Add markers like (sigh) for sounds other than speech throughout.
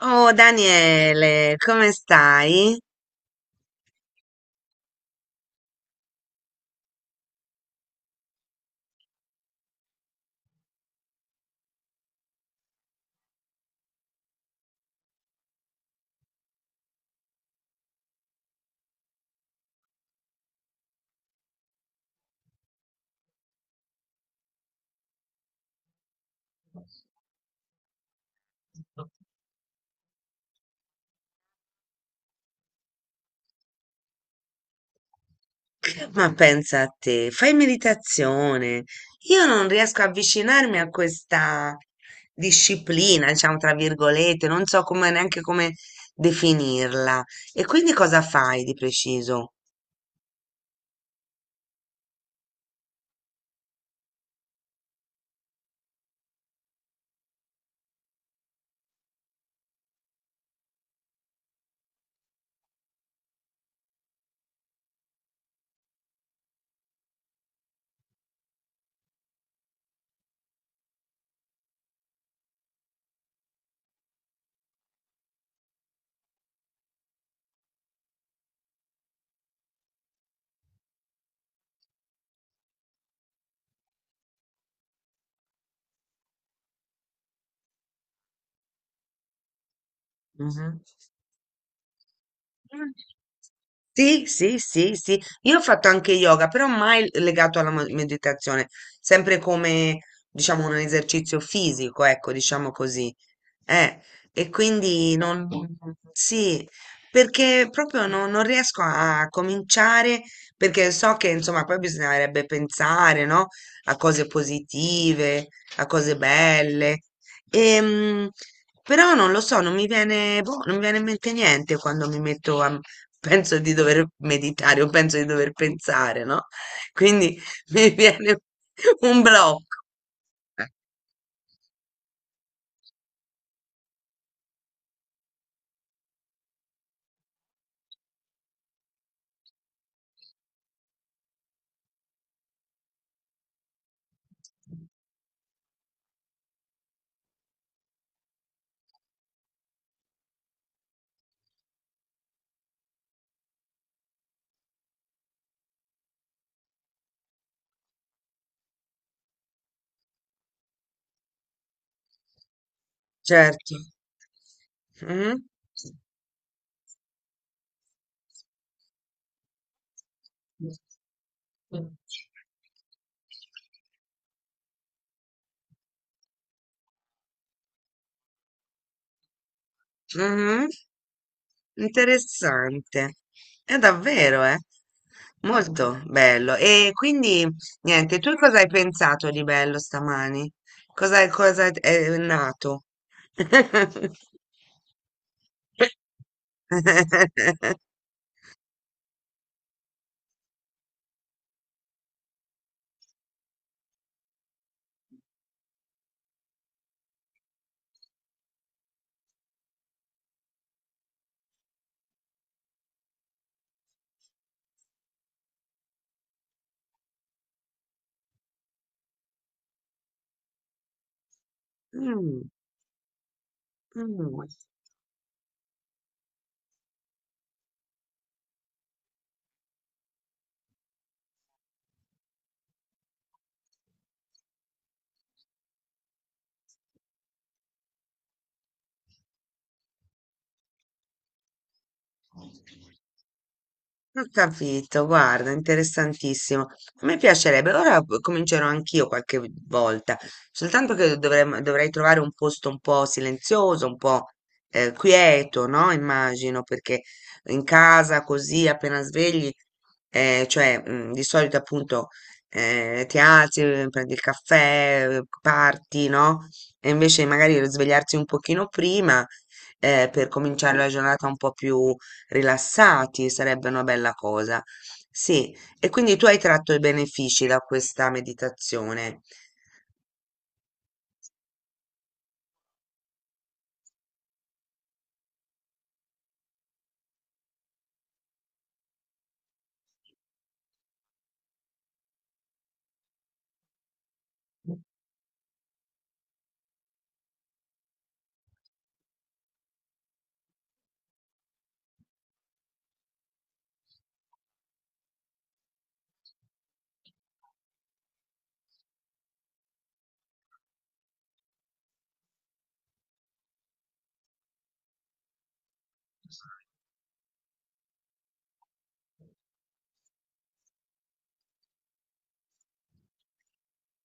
Oh Daniele, come stai? Ma pensa a te, fai meditazione. Io non riesco a avvicinarmi a questa disciplina, diciamo tra virgolette, non so neanche come definirla. E quindi cosa fai di preciso? Mhm. Mh. Sì, sì, sì, sì. Io ho fatto anche yoga, però mai l legato alla mo meditazione, sempre come, diciamo, un esercizio fisico, ecco, diciamo così. Eh, e quindi non sì, perché proprio non riesco a cominciare, perché so che, insomma, poi bisognerebbe pensare, no, a cose positive, a cose belle. Ehm, Però non lo so, non mi viene, boh, non mi viene in mente niente quando mi metto a... Penso di dover meditare o penso di dover pensare, no? Quindi (laughs) mi viene un blocco. Eh, Certo. Mhm. Mhm. Interessante. È davvero, eh? Molto bello. E quindi, niente, tu cosa hai pensato di bello stamani? Cosa, cosa è nato? (laughs) Mm, mm. Ho capito, guarda, interessantissimo. A me piacerebbe, ora comincerò anch'io qualche volta, soltanto che dovrei trovare un posto un po' silenzioso, un po' quieto, no? Immagino, perché in casa così appena svegli, cioè di solito appunto ti alzi, prendi il caffè, parti, no? E invece magari svegliarsi un pochino prima per cominciare la giornata un po' più rilassati, sarebbe una bella cosa. Sì, e quindi tu hai tratto i benefici da questa meditazione.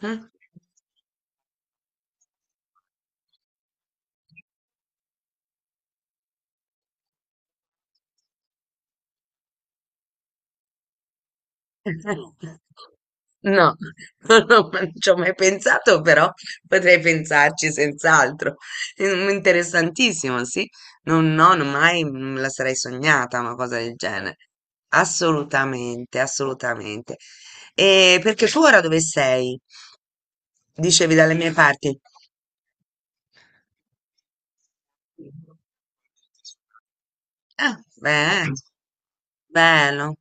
Mm? No, (laughs) non ci ho mai pensato, però potrei pensarci senz'altro. Mm, interessantissimo, sì. Non, no, non mai me la sarei sognata una cosa del genere. Assolutamente, assolutamente. E perché tu ora dove sei? Dicevi dalle mie parti. Ah, beh, bello.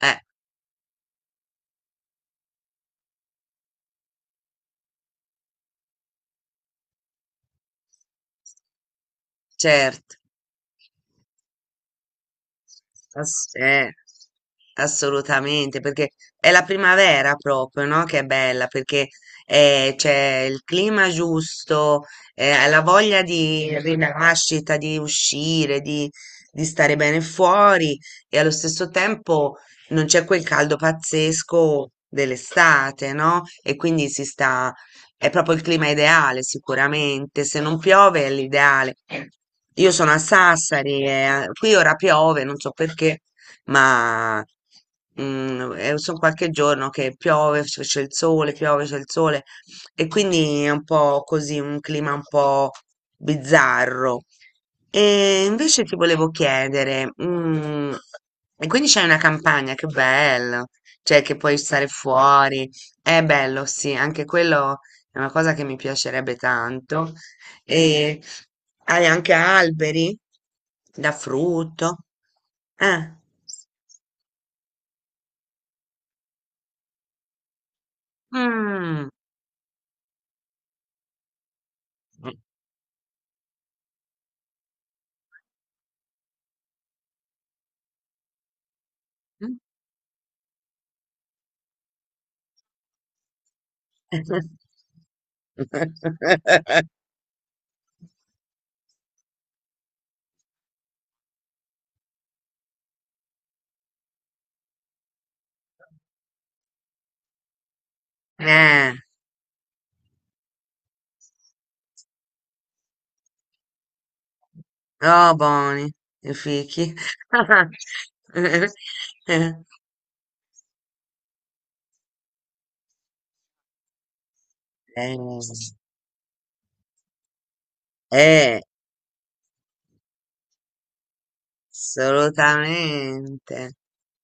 Eh, certo. Ass- eh, assolutamente, perché è la primavera proprio, no? Che è bella, perché c'è il clima giusto, la voglia di rinascita, di uscire, di stare bene fuori e allo stesso tempo non c'è quel caldo pazzesco dell'estate, no? E quindi si sta è proprio il clima ideale, sicuramente. Se non piove è l'ideale. Io sono a Sassari e qui ora piove, non so perché, ma sono qualche giorno che piove, c'è il sole, piove, c'è il sole e quindi è un po' così, un clima un po' bizzarro. E invece ti volevo chiedere, mm, e quindi c'è una campagna, che bello, cioè che puoi stare fuori, è bello, sì, anche quello è una cosa che mi piacerebbe tanto. E hai anche alberi da frutto. Eh. Mm. (laughs) Eh, oh, buoni i fichi. (laughs) Eh, eh, assolutamente.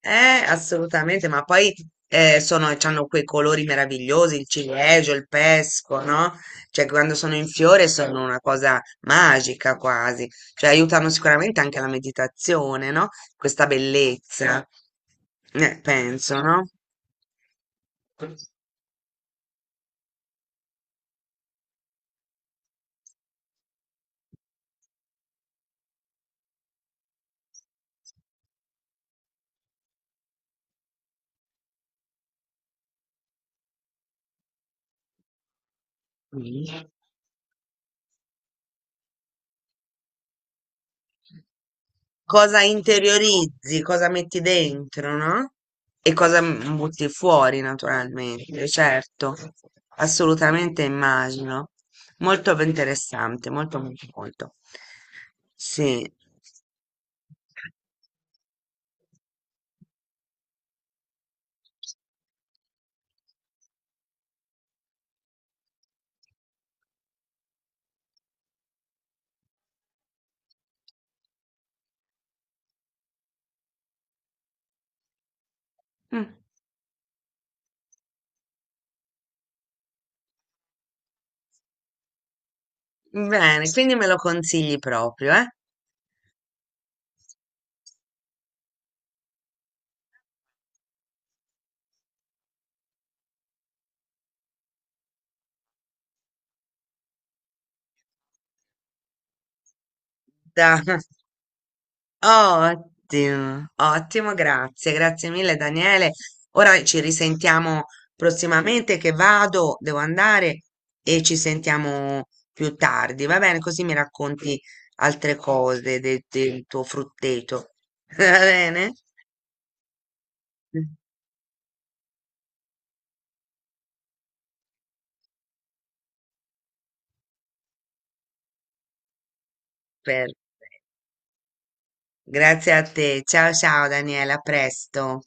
Assolutamente, ma poi sono, hanno quei colori meravigliosi, il ciliegio, il pesco, no? Cioè, quando sono in fiore sono una cosa magica quasi, cioè aiutano sicuramente anche la meditazione, no? Questa bellezza, penso, no? Mm, cosa interiorizzi, cosa metti dentro, no? E cosa butti fuori, naturalmente, certo, assolutamente immagino. Molto interessante, molto, molto, molto. Sì. Mm, bene, quindi me lo consigli proprio, eh? Dai. Ottimo, ottimo, grazie, grazie mille Daniele. Ora ci risentiamo prossimamente che vado, devo andare e ci sentiamo più tardi, va bene? Così mi racconti altre cose del tuo frutteto. (laughs) Va bene? Perfetto. Grazie a te. Ciao ciao Daniele, a presto.